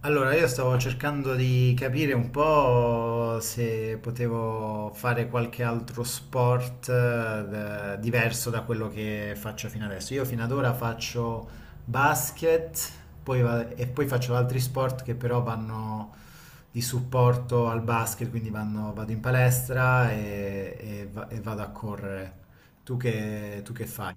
Allora, io stavo cercando di capire un po' se potevo fare qualche altro sport diverso da quello che faccio fino adesso. Io fino ad ora faccio basket, poi e poi faccio altri sport che però vanno di supporto al basket, quindi vado in palestra e vado a correre. Tu che fai?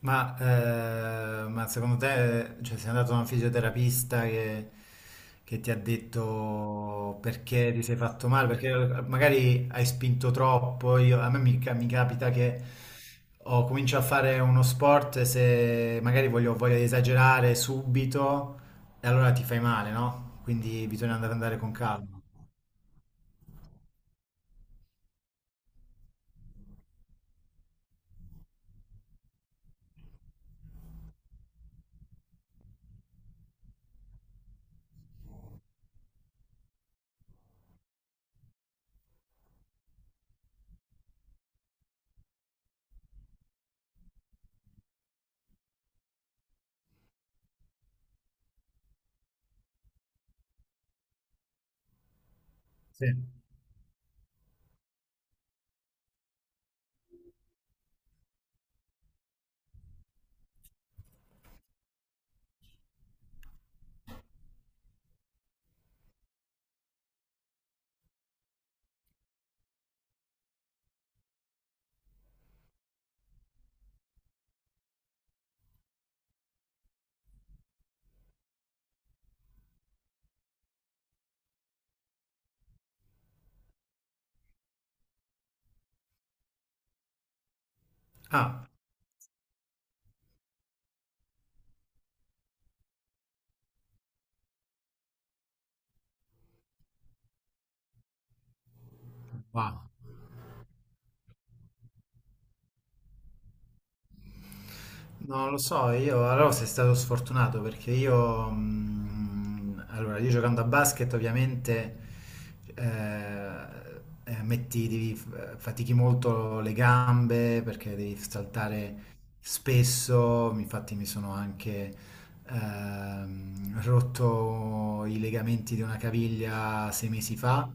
Ma, ma secondo te, cioè, sei andato da un fisioterapista che ti ha detto perché ti sei fatto male? Perché magari hai spinto troppo. Io- a me mi, ca- mi capita che ho comincio a fare uno sport e se magari voglio esagerare subito, e allora ti fai male, no? Quindi bisogna andare con calma. Sì. Ah, wow. No, lo so, io allora sei stato sfortunato perché io, allora, io giocando a basket ovviamente eh, metti, devi fatichi molto le gambe perché devi saltare spesso, infatti mi sono anche rotto i legamenti di una caviglia 6 mesi fa,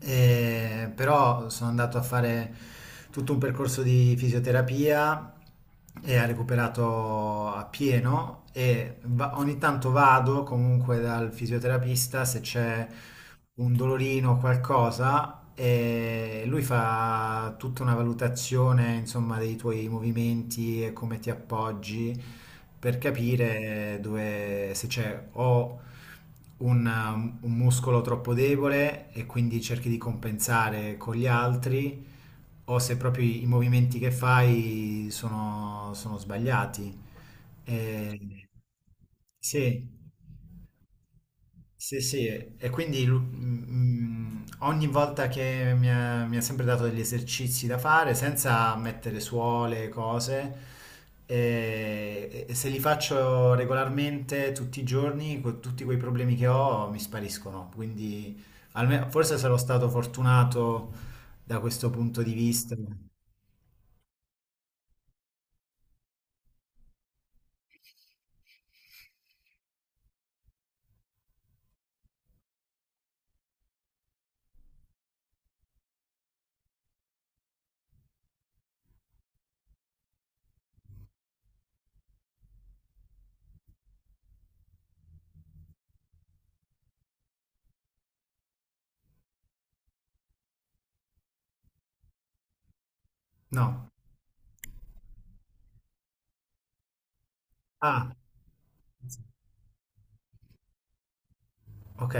però sono andato a fare tutto un percorso di fisioterapia e ha recuperato appieno e ogni tanto vado comunque dal fisioterapista se c'è un dolorino o qualcosa e lui fa tutta una valutazione, insomma, dei tuoi movimenti e come ti appoggi per capire dove, se c'è o un muscolo troppo debole e quindi cerchi di compensare con gli altri, o se proprio i movimenti che fai sono sbagliati. E- sì. Sì, sì, e quindi ogni volta che mi ha sempre dato degli esercizi da fare senza mettere suole, cose, e se li faccio regolarmente tutti i giorni, con tutti quei problemi che ho mi spariscono. Quindi forse sarò stato fortunato da questo punto di vista. No. Ah, ok.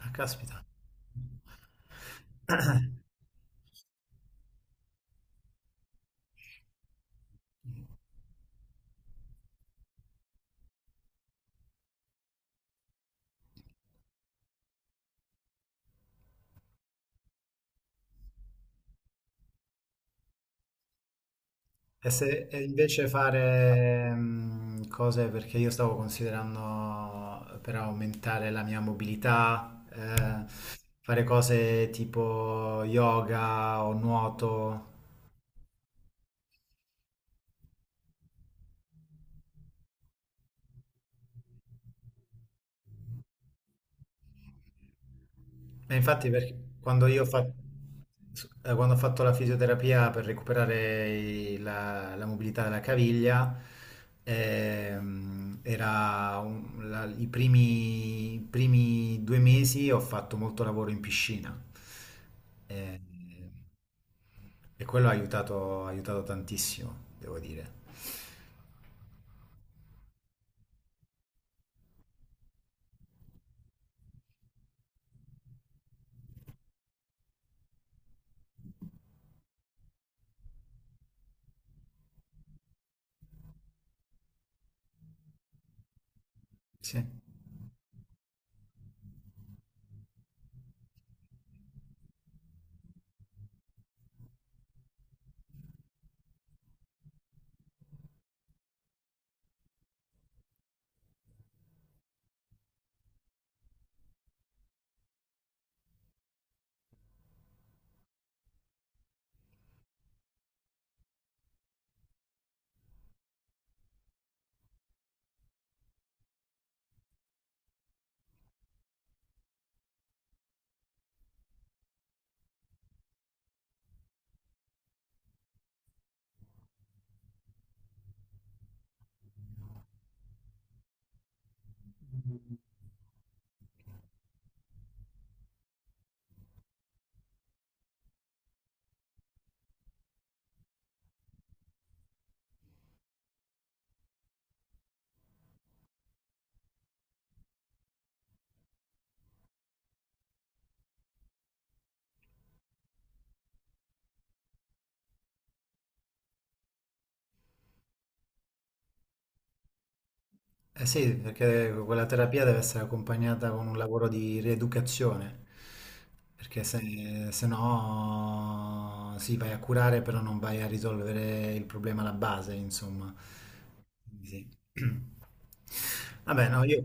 Ah, caspita. E se e invece fare cose perché io stavo considerando per aumentare la mia mobilità, fare cose tipo yoga o nuoto. E infatti perché quando quando ho fatto la fisioterapia per recuperare la mobilità della caviglia, era un- la- i primi, i primi 2 mesi ho fatto molto lavoro in piscina. Eh, e quello ha aiutato tantissimo, devo dire. Sì. Eh sì, perché quella terapia deve essere accompagnata con un lavoro di rieducazione, perché se no sì, vai a curare, però non vai a risolvere il problema alla base, insomma. Quindi sì. Vabbè, no, io...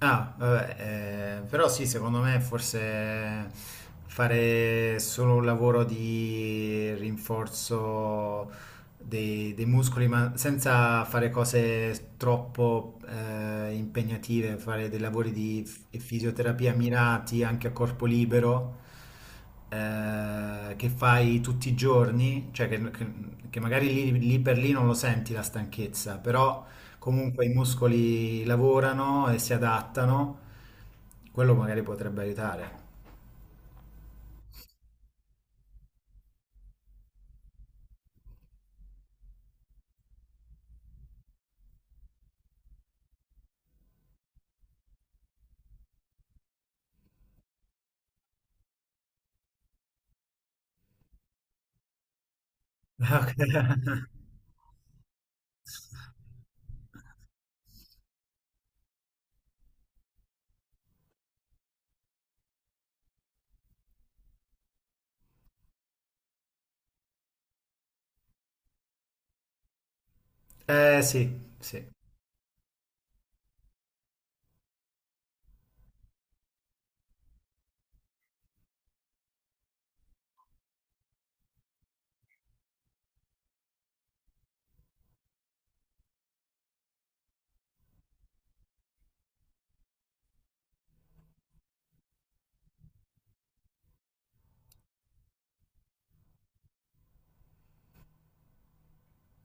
Ah, vabbè, però sì, secondo me forse fare solo un lavoro di rinforzo dei muscoli, ma senza fare cose troppo impegnative, fare dei lavori di fisioterapia mirati anche a corpo libero, che fai tutti i giorni, che magari lì lì per lì non lo senti la stanchezza, però... Comunque i muscoli lavorano e si adattano, quello magari potrebbe aiutare. Ok. Eh sì, sì.